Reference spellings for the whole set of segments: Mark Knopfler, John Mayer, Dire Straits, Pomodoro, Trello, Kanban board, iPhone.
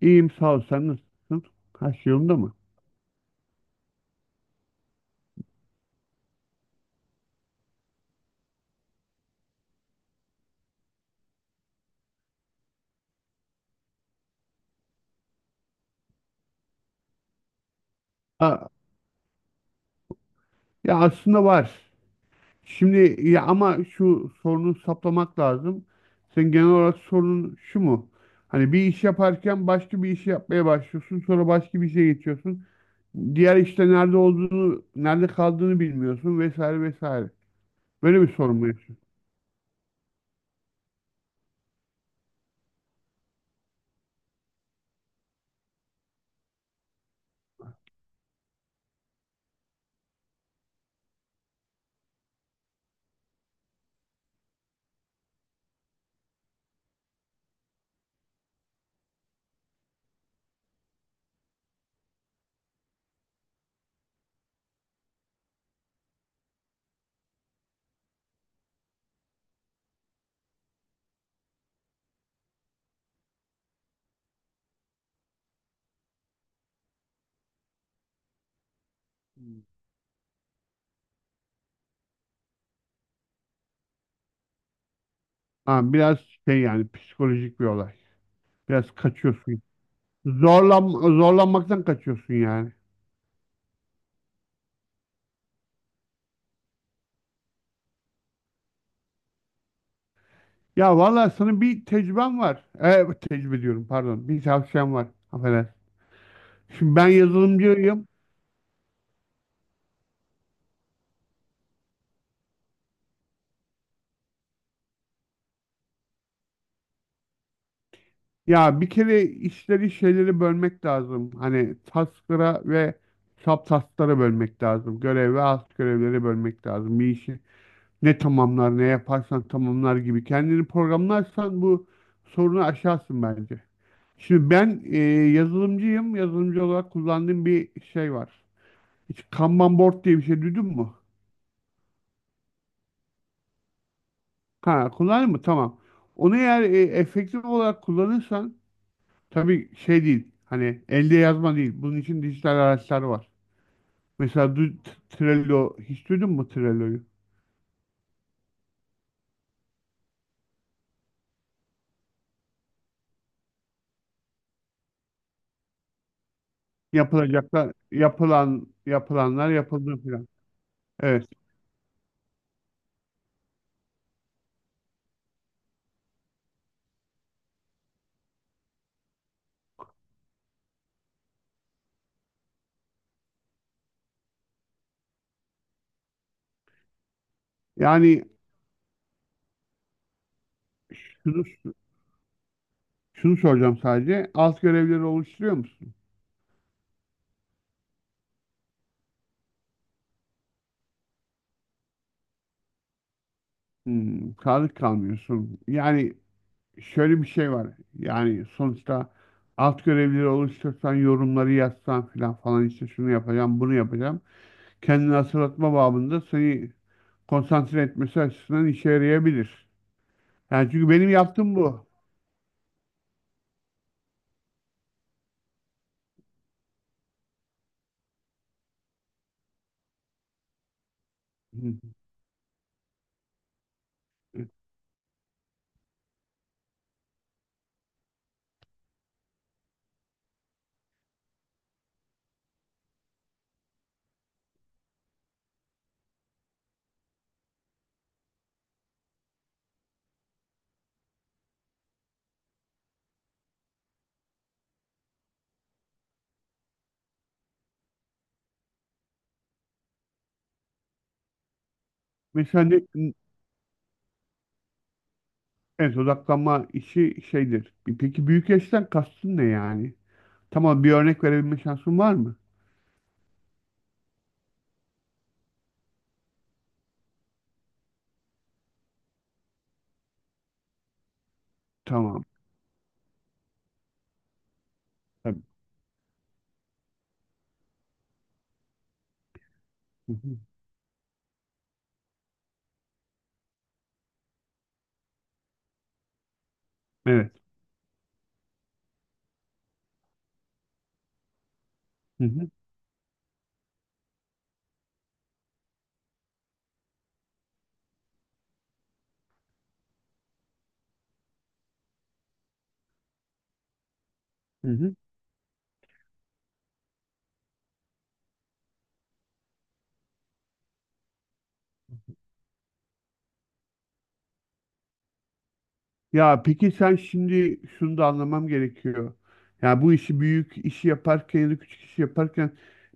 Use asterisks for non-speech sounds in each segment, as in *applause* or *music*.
İyiyim sağ ol. Sen nasılsın? Her şey yolunda mı? Aa, ya aslında var. Şimdi ya ama şu sorunu saplamak lazım. Sen genel olarak sorunun şu mu? Hani bir iş yaparken başka bir işi yapmaya başlıyorsun. Sonra başka bir işe geçiyorsun. Diğer işte nerede olduğunu, nerede kaldığını bilmiyorsun vesaire vesaire. Böyle bir sorun mu yaşıyorsun? Ha, biraz şey yani psikolojik bir olay. Biraz kaçıyorsun. Zorlanmaktan kaçıyorsun yani. Ya vallahi sana bir tecrübem var. Tecrübe diyorum pardon. Bir tavsiyem var. Affedersin. Şimdi ben yazılımcıyım. Ya bir kere işleri şeyleri bölmek lazım. Hani task'lara ve subtask'lara bölmek lazım. Görev ve alt görevleri bölmek lazım. Bir işi ne tamamlar ne yaparsan tamamlar gibi. Kendini programlarsan bu sorunu aşarsın bence. Şimdi ben yazılımcıyım. Yazılımcı olarak kullandığım bir şey var. Hiç Kanban board diye bir şey duydun mu? Ha, kullanır mı? Tamam. Onu eğer efektif olarak kullanırsan tabii şey değil. Hani elde yazma değil. Bunun için dijital araçlar var. Mesela Trello hiç duydun mu Trello'yu? Yapılacaklar, yapılan yapılanlar yapıldı falan. Evet. Yani şunu şunu soracağım sadece. Alt görevleri oluşturuyor musun? Hmm, sadık kalmıyorsun. Yani şöyle bir şey var. Yani sonuçta alt görevleri oluştursan, yorumları yazsan filan falan işte şunu yapacağım, bunu yapacağım. Kendini hatırlatma babında seni konsantre etmesi açısından işe yarayabilir. Yani çünkü benim yaptığım bu. *laughs* Mesela evet odaklanma işi şeydir. E peki büyük yaştan kastın ne yani? Tamam, bir örnek verebilme şansın var mı? Tamam. Tabii. Hı hı. Evet. Hı hı. Hı hı. Ya peki sen şimdi şunu da anlamam gerekiyor. Yani bu işi büyük işi yaparken ya da küçük işi yaparken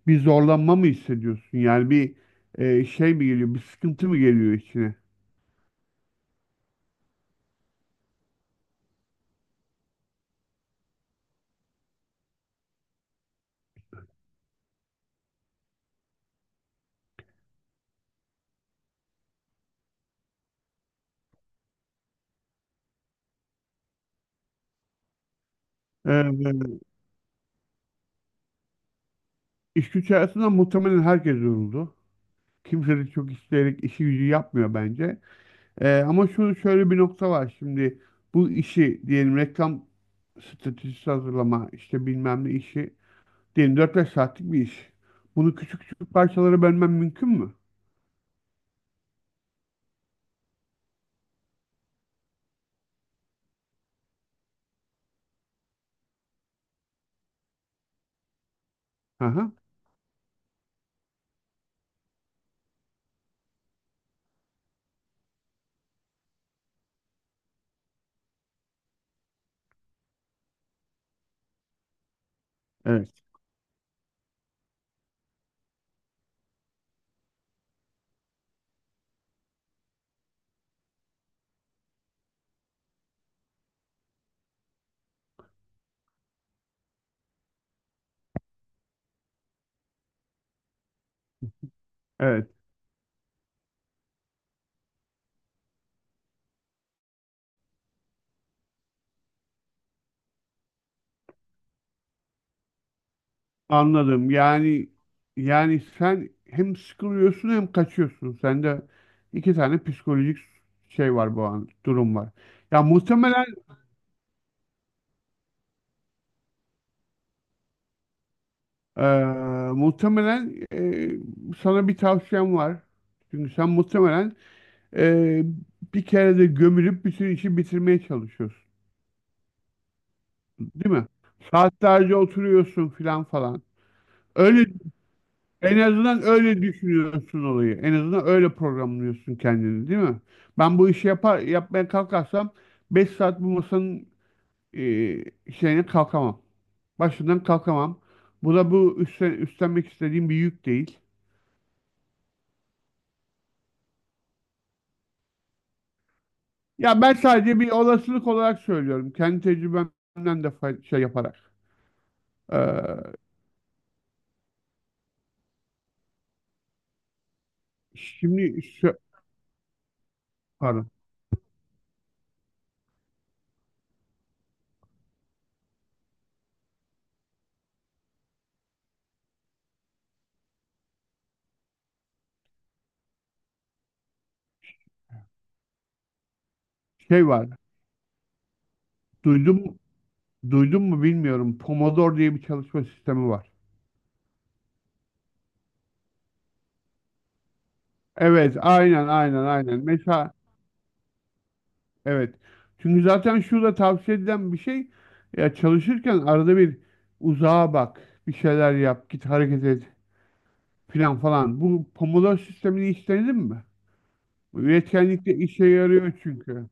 bir zorlanma mı hissediyorsun? Yani bir şey mi geliyor, bir sıkıntı mı geliyor içine? Ee, iş güç hayatında muhtemelen herkes yoruldu. Kimse de çok isteyerek işi gücü yapmıyor bence. Ama şu şöyle bir nokta var şimdi. Bu işi diyelim reklam stratejisi hazırlama işte bilmem ne işi diyelim dört beş saatlik bir iş. Bunu küçük küçük parçalara bölmem mümkün mü? Aha, evet, evet. Anladım. Yani sen hem sıkılıyorsun hem kaçıyorsun. Sende iki tane psikolojik şey var bu an durum var. Ya muhtemelen eee, muhtemelen eee, sana bir tavsiyem var. Çünkü sen muhtemelen eee, bir kere de gömülüp bütün işi bitirmeye çalışıyorsun, değil mi? Saatlerce oturuyorsun filan falan. Öyle En azından öyle düşünüyorsun olayı. En azından öyle programlıyorsun kendini, değil mi? Ben bu işi yapmaya kalkarsam 5 saat bu masanın e, şeyine kalkamam. Başından kalkamam. Bu da bu üstlenmek istediğim bir yük değil. Ya ben sadece bir olasılık olarak söylüyorum. Kendi tecrübemden de şey yaparak. Ee, şimdi şu, pardon, şey var. Duydum, duydum mu bilmiyorum. Pomodoro diye bir çalışma sistemi var. Evet, aynen. Mesela Evet. Çünkü zaten şurada tavsiye edilen bir şey ya çalışırken arada bir uzağa bak, bir şeyler yap, git hareket et filan falan. Bu Pomodoro sistemini hiç denedin mi? Bu üretkenlikte işe yarıyor çünkü.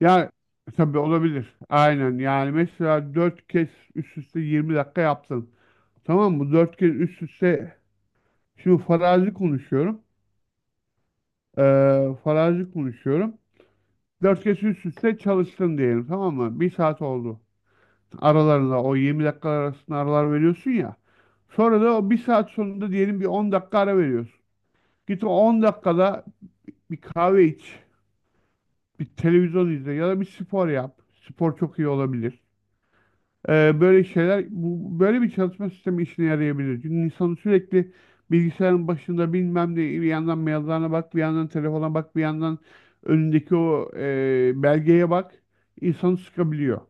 Ya tabii olabilir. Aynen. Yani mesela 4 kez üst üste 20 dakika yaptın. Tamam mı? Dört kez üst üste şimdi farazi konuşuyorum. Farazi konuşuyorum. 4 kez üst üste çalıştın diyelim, tamam mı? Bir saat oldu. Aralarında o 20 dakika arasında aralar veriyorsun ya. Sonra da o bir saat sonunda diyelim bir 10 dakika ara veriyorsun. Git o 10 dakikada bir kahve iç, bir televizyon izle ya da bir spor yap. Spor çok iyi olabilir. Böyle bir çalışma sistemi işine yarayabilir. Çünkü insanı sürekli bilgisayarın başında bilmem ne bir yandan maillerine bak, bir yandan telefona bak, bir yandan önündeki o belgeye bak. İnsanı sıkabiliyor.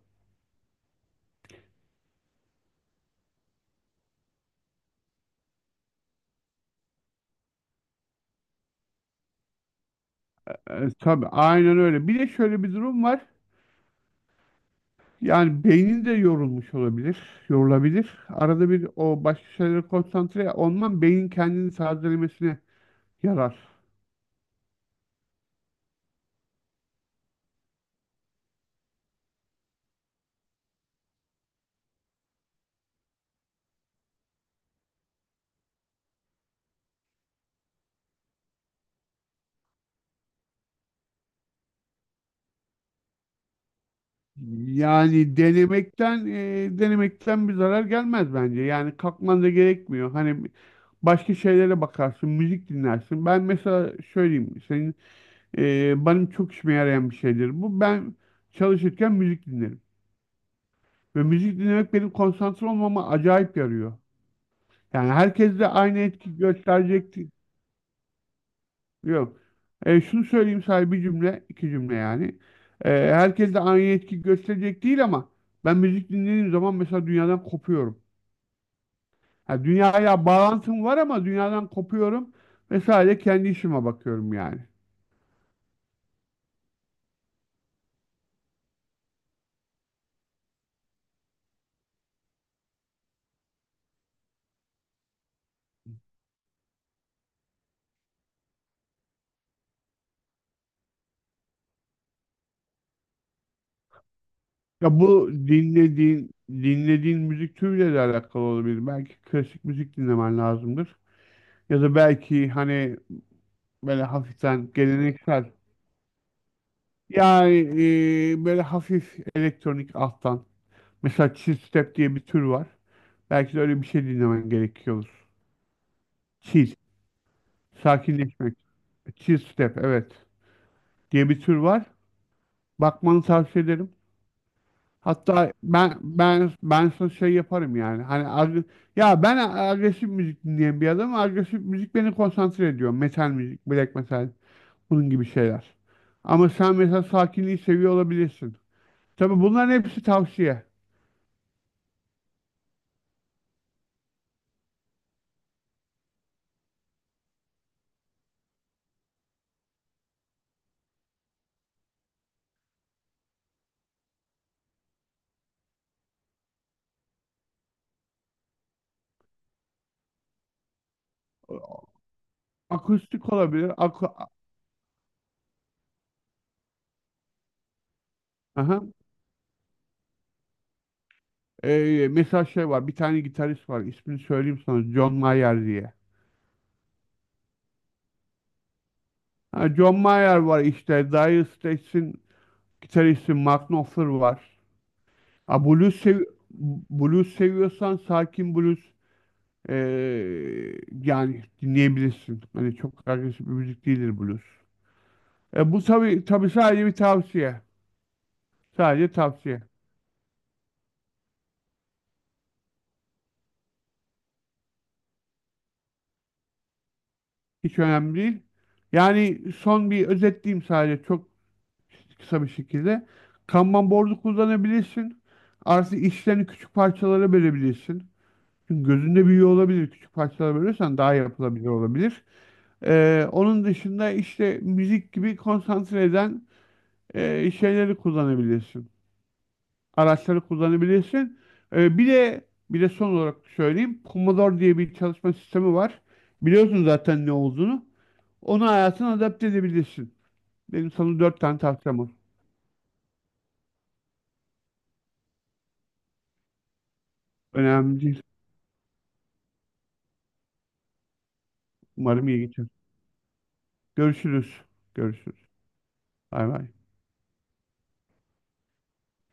Tabii aynen öyle. Bir de şöyle bir durum var. Yani beynin de yorulmuş olabilir, yorulabilir. Arada bir o başka şeylere konsantre olman beynin kendini tazelemesine yarar. Yani denemekten bir zarar gelmez bence. Yani kalkman da gerekmiyor. Hani başka şeylere bakarsın, müzik dinlersin. Ben mesela söyleyeyim, benim çok işime yarayan bir şeydir. Bu ben çalışırken müzik dinlerim. Ve müzik dinlemek benim konsantre olmama acayip yarıyor. Yani herkes de aynı etki gösterecek Yok. Şunu söyleyeyim sadece bir cümle, iki cümle yani. Herkes de aynı etki gösterecek değil, ama ben müzik dinlediğim zaman mesela dünyadan kopuyorum. Ha, dünyaya bağlantım var ama dünyadan kopuyorum ve sadece kendi işime bakıyorum yani. Ya bu dinlediğin müzik türüyle de alakalı olabilir. Belki klasik müzik dinlemen lazımdır. Ya da belki hani böyle hafiften geleneksel. Yani böyle hafif elektronik alttan. Mesela chill step diye bir tür var. Belki de öyle bir şey dinlemen gerekiyor. Chill. Sakinleşmek. Chill step, evet. Diye bir tür var. Bakmanı tavsiye ederim. Hatta ben sana şey yaparım yani. Hani ya ben agresif müzik dinleyen bir adamım. Agresif müzik beni konsantre ediyor. Metal müzik, black metal Bunun gibi şeyler. Ama sen mesela sakinliği seviyor olabilirsin. Tabii bunların hepsi tavsiye. Akustik olabilir. Aku Aha. Mesela şey var. Bir tane gitarist var. İsmini söyleyeyim sana. John Mayer diye. Ha, John Mayer var işte. Dire Straits'in gitaristi Mark Knopfler var. Ha, blues seviyorsan sakin blues ee, yani dinleyebilirsin. Hani çok agresif bir müzik değildir blues. Bu tabii sadece bir tavsiye. Sadece tavsiye. Hiç önemli değil. Yani son bir özetleyeyim sadece çok kısa bir şekilde. Kanban board'u kullanabilirsin. Artı işlerini küçük parçalara bölebilirsin. Çünkü gözünde büyüyor olabilir. Küçük parçalara bölürsen daha yapılabilir olabilir. Onun dışında işte müzik gibi konsantre eden şeyleri kullanabilirsin. Araçları kullanabilirsin. Ee, bir de bir de son olarak söyleyeyim. Pomodoro diye bir çalışma sistemi var. Biliyorsun zaten ne olduğunu. Onu hayatına adapte edebilirsin. Benim sana dört tane tavsiyem var. Önemli değil. Umarım iyi geçer. Görüşürüz. Görüşürüz. Bay bay.